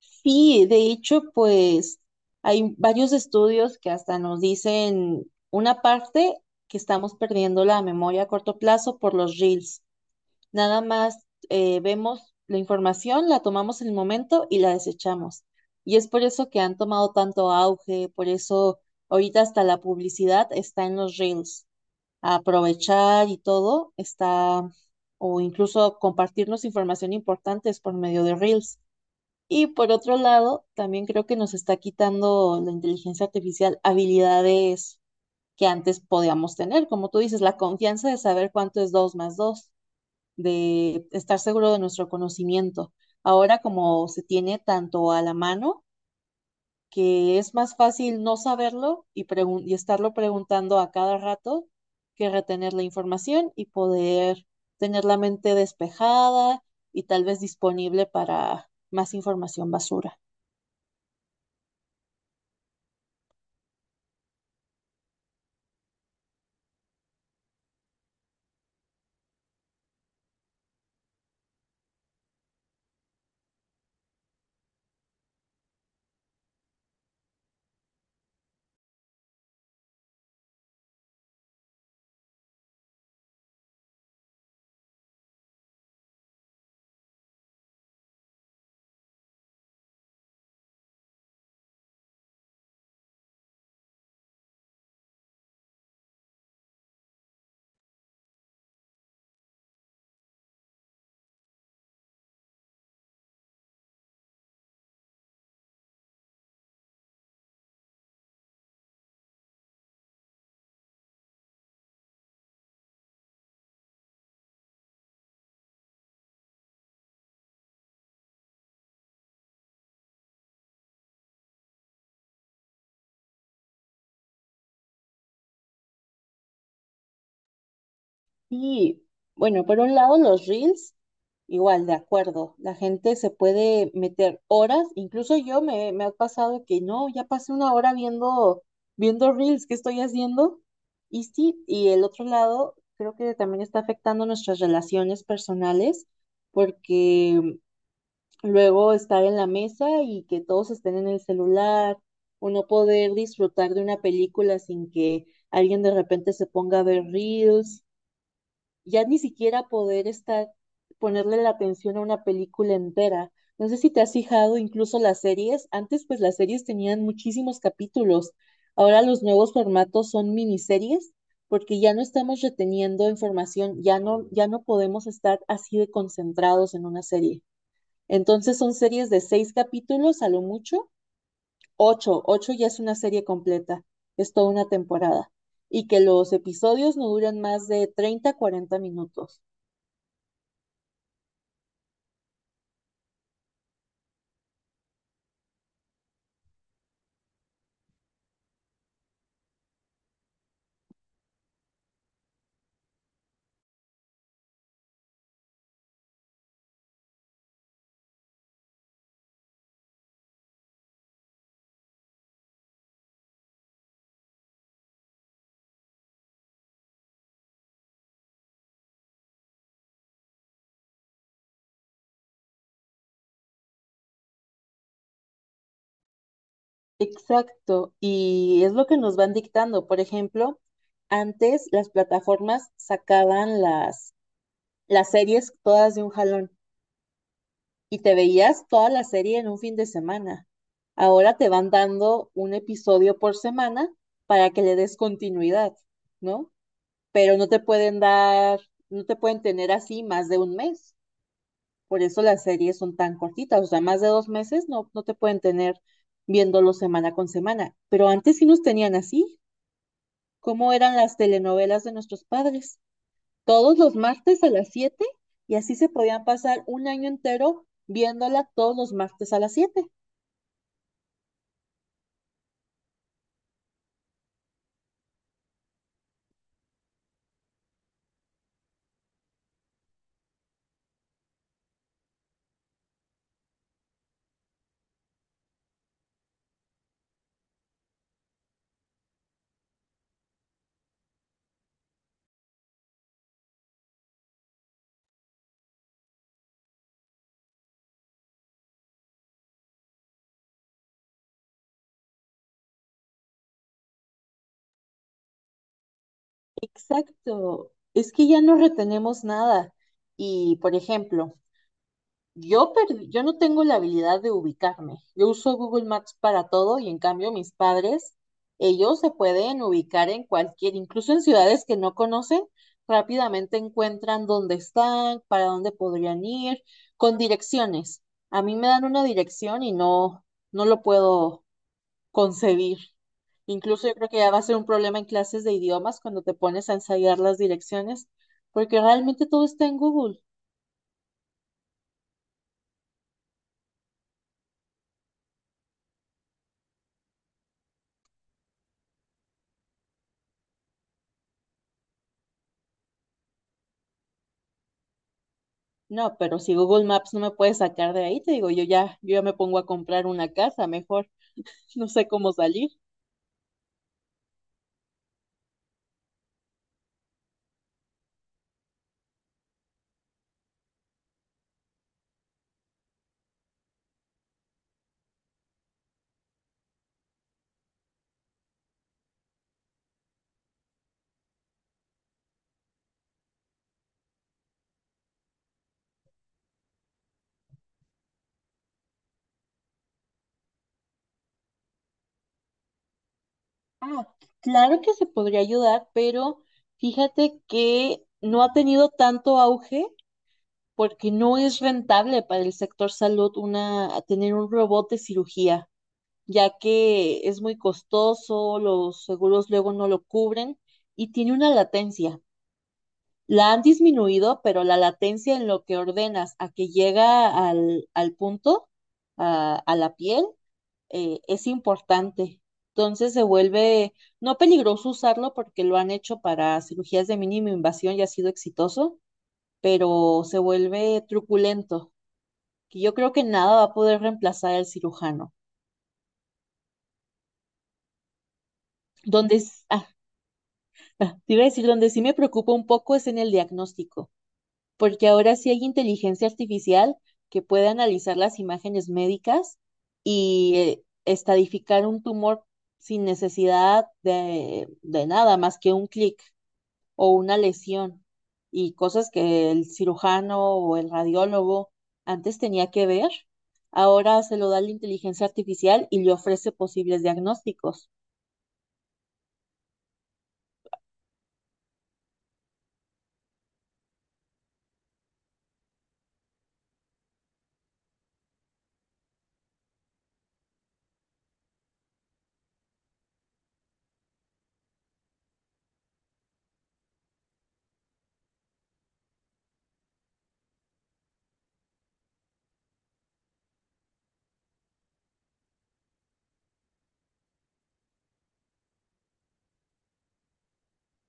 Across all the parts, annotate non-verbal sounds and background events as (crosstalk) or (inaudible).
Sí, de hecho, pues hay varios estudios que hasta nos dicen una parte que estamos perdiendo la memoria a corto plazo por los reels. Nada más vemos la información, la tomamos en el momento y la desechamos. Y es por eso que han tomado tanto auge, por eso ahorita hasta la publicidad está en los reels. Aprovechar y todo está, o incluso compartirnos información importante es por medio de reels. Y por otro lado, también creo que nos está quitando la inteligencia artificial habilidades que antes podíamos tener, como tú dices, la confianza de saber cuánto es 2 más 2, de estar seguro de nuestro conocimiento. Ahora como se tiene tanto a la mano, que es más fácil no saberlo y estarlo preguntando a cada rato que retener la información y poder tener la mente despejada y tal vez disponible para más información basura. Sí, bueno, por un lado los reels, igual, de acuerdo, la gente se puede meter horas, incluso yo me ha pasado que no, ya pasé una hora viendo, viendo reels, ¿qué estoy haciendo? Y sí, y el otro lado creo que también está afectando nuestras relaciones personales, porque luego estar en la mesa y que todos estén en el celular, o no poder disfrutar de una película sin que alguien de repente se ponga a ver reels ya ni siquiera poder estar, ponerle la atención a una película entera. No sé si te has fijado incluso las series. Antes, pues las series tenían muchísimos capítulos. Ahora los nuevos formatos son miniseries porque ya no estamos reteniendo información, ya no, ya no podemos estar así de concentrados en una serie. Entonces son series de seis capítulos a lo mucho, ocho, ocho ya es una serie completa, es toda una temporada. Y que los episodios no duran más de 30, 40 minutos. Exacto, y es lo que nos van dictando. Por ejemplo, antes las plataformas sacaban las series todas de un jalón y te veías toda la serie en un fin de semana. Ahora te van dando un episodio por semana para que le des continuidad, ¿no? Pero no te pueden dar, no te pueden tener así más de un mes. Por eso las series son tan cortitas, o sea, más de 2 meses no, no te pueden tener viéndolo semana con semana. Pero antes sí nos tenían así. Cómo eran las telenovelas de nuestros padres. Todos los martes a las 7 y así se podían pasar un año entero viéndola todos los martes a las 7. Exacto. Es que ya no retenemos nada. Y, por ejemplo, yo perdí, yo no tengo la habilidad de ubicarme. Yo uso Google Maps para todo y en cambio mis padres, ellos se pueden ubicar en cualquier, incluso en ciudades que no conocen, rápidamente encuentran dónde están, para dónde podrían ir, con direcciones. A mí me dan una dirección y no, no lo puedo concebir. Incluso yo creo que ya va a ser un problema en clases de idiomas cuando te pones a ensayar las direcciones, porque realmente todo está en Google. No, pero si Google Maps no me puede sacar de ahí, te digo, yo ya me pongo a comprar una casa, mejor. (laughs) No sé cómo salir. Ah, claro que se podría ayudar, pero fíjate que no ha tenido tanto auge porque no es rentable para el sector salud una tener un robot de cirugía, ya que es muy costoso, los seguros luego no lo cubren y tiene una latencia. La han disminuido, pero la latencia en lo que ordenas a que llega al punto, a la piel, es importante. Entonces se vuelve no peligroso usarlo porque lo han hecho para cirugías de mínima invasión y ha sido exitoso, pero se vuelve truculento, que yo creo que nada va a poder reemplazar al cirujano. Donde, ah, (laughs) te iba a decir, donde sí me preocupa un poco es en el diagnóstico porque ahora sí hay inteligencia artificial que puede analizar las imágenes médicas y estadificar un tumor sin necesidad de nada más que un clic o una lesión y cosas que el cirujano o el radiólogo antes tenía que ver, ahora se lo da la inteligencia artificial y le ofrece posibles diagnósticos.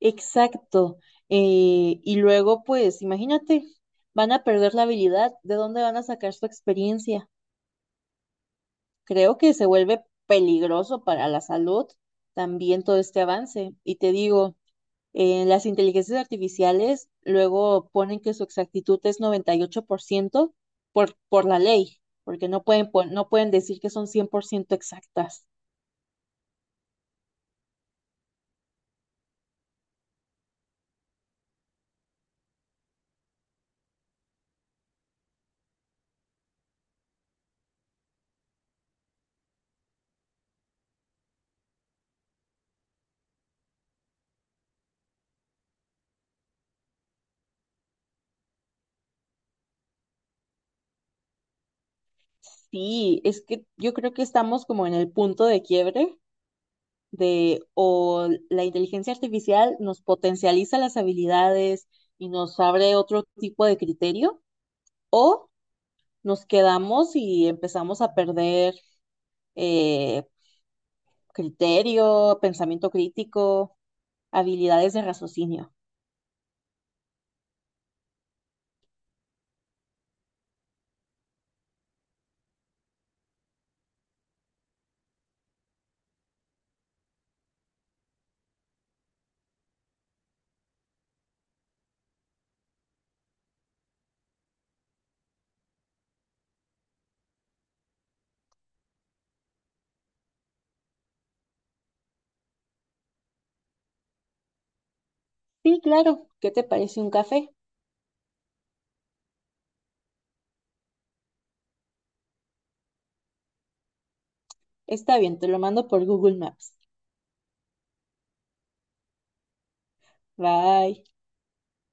Exacto. Y luego, pues, imagínate, van a perder la habilidad. ¿De dónde van a sacar su experiencia? Creo que se vuelve peligroso para la salud también todo este avance. Y te digo, las inteligencias artificiales luego ponen que su exactitud es 98% por la ley, porque no pueden, no pueden decir que son 100% exactas. Sí, es que yo creo que estamos como en el punto de quiebre de o la inteligencia artificial nos potencializa las habilidades y nos abre otro tipo de criterio, o nos quedamos y empezamos a perder eh, criterio, pensamiento crítico, habilidades de raciocinio. Sí, claro. ¿Qué te parece un café? Está bien, te lo mando por Google Maps. Bye.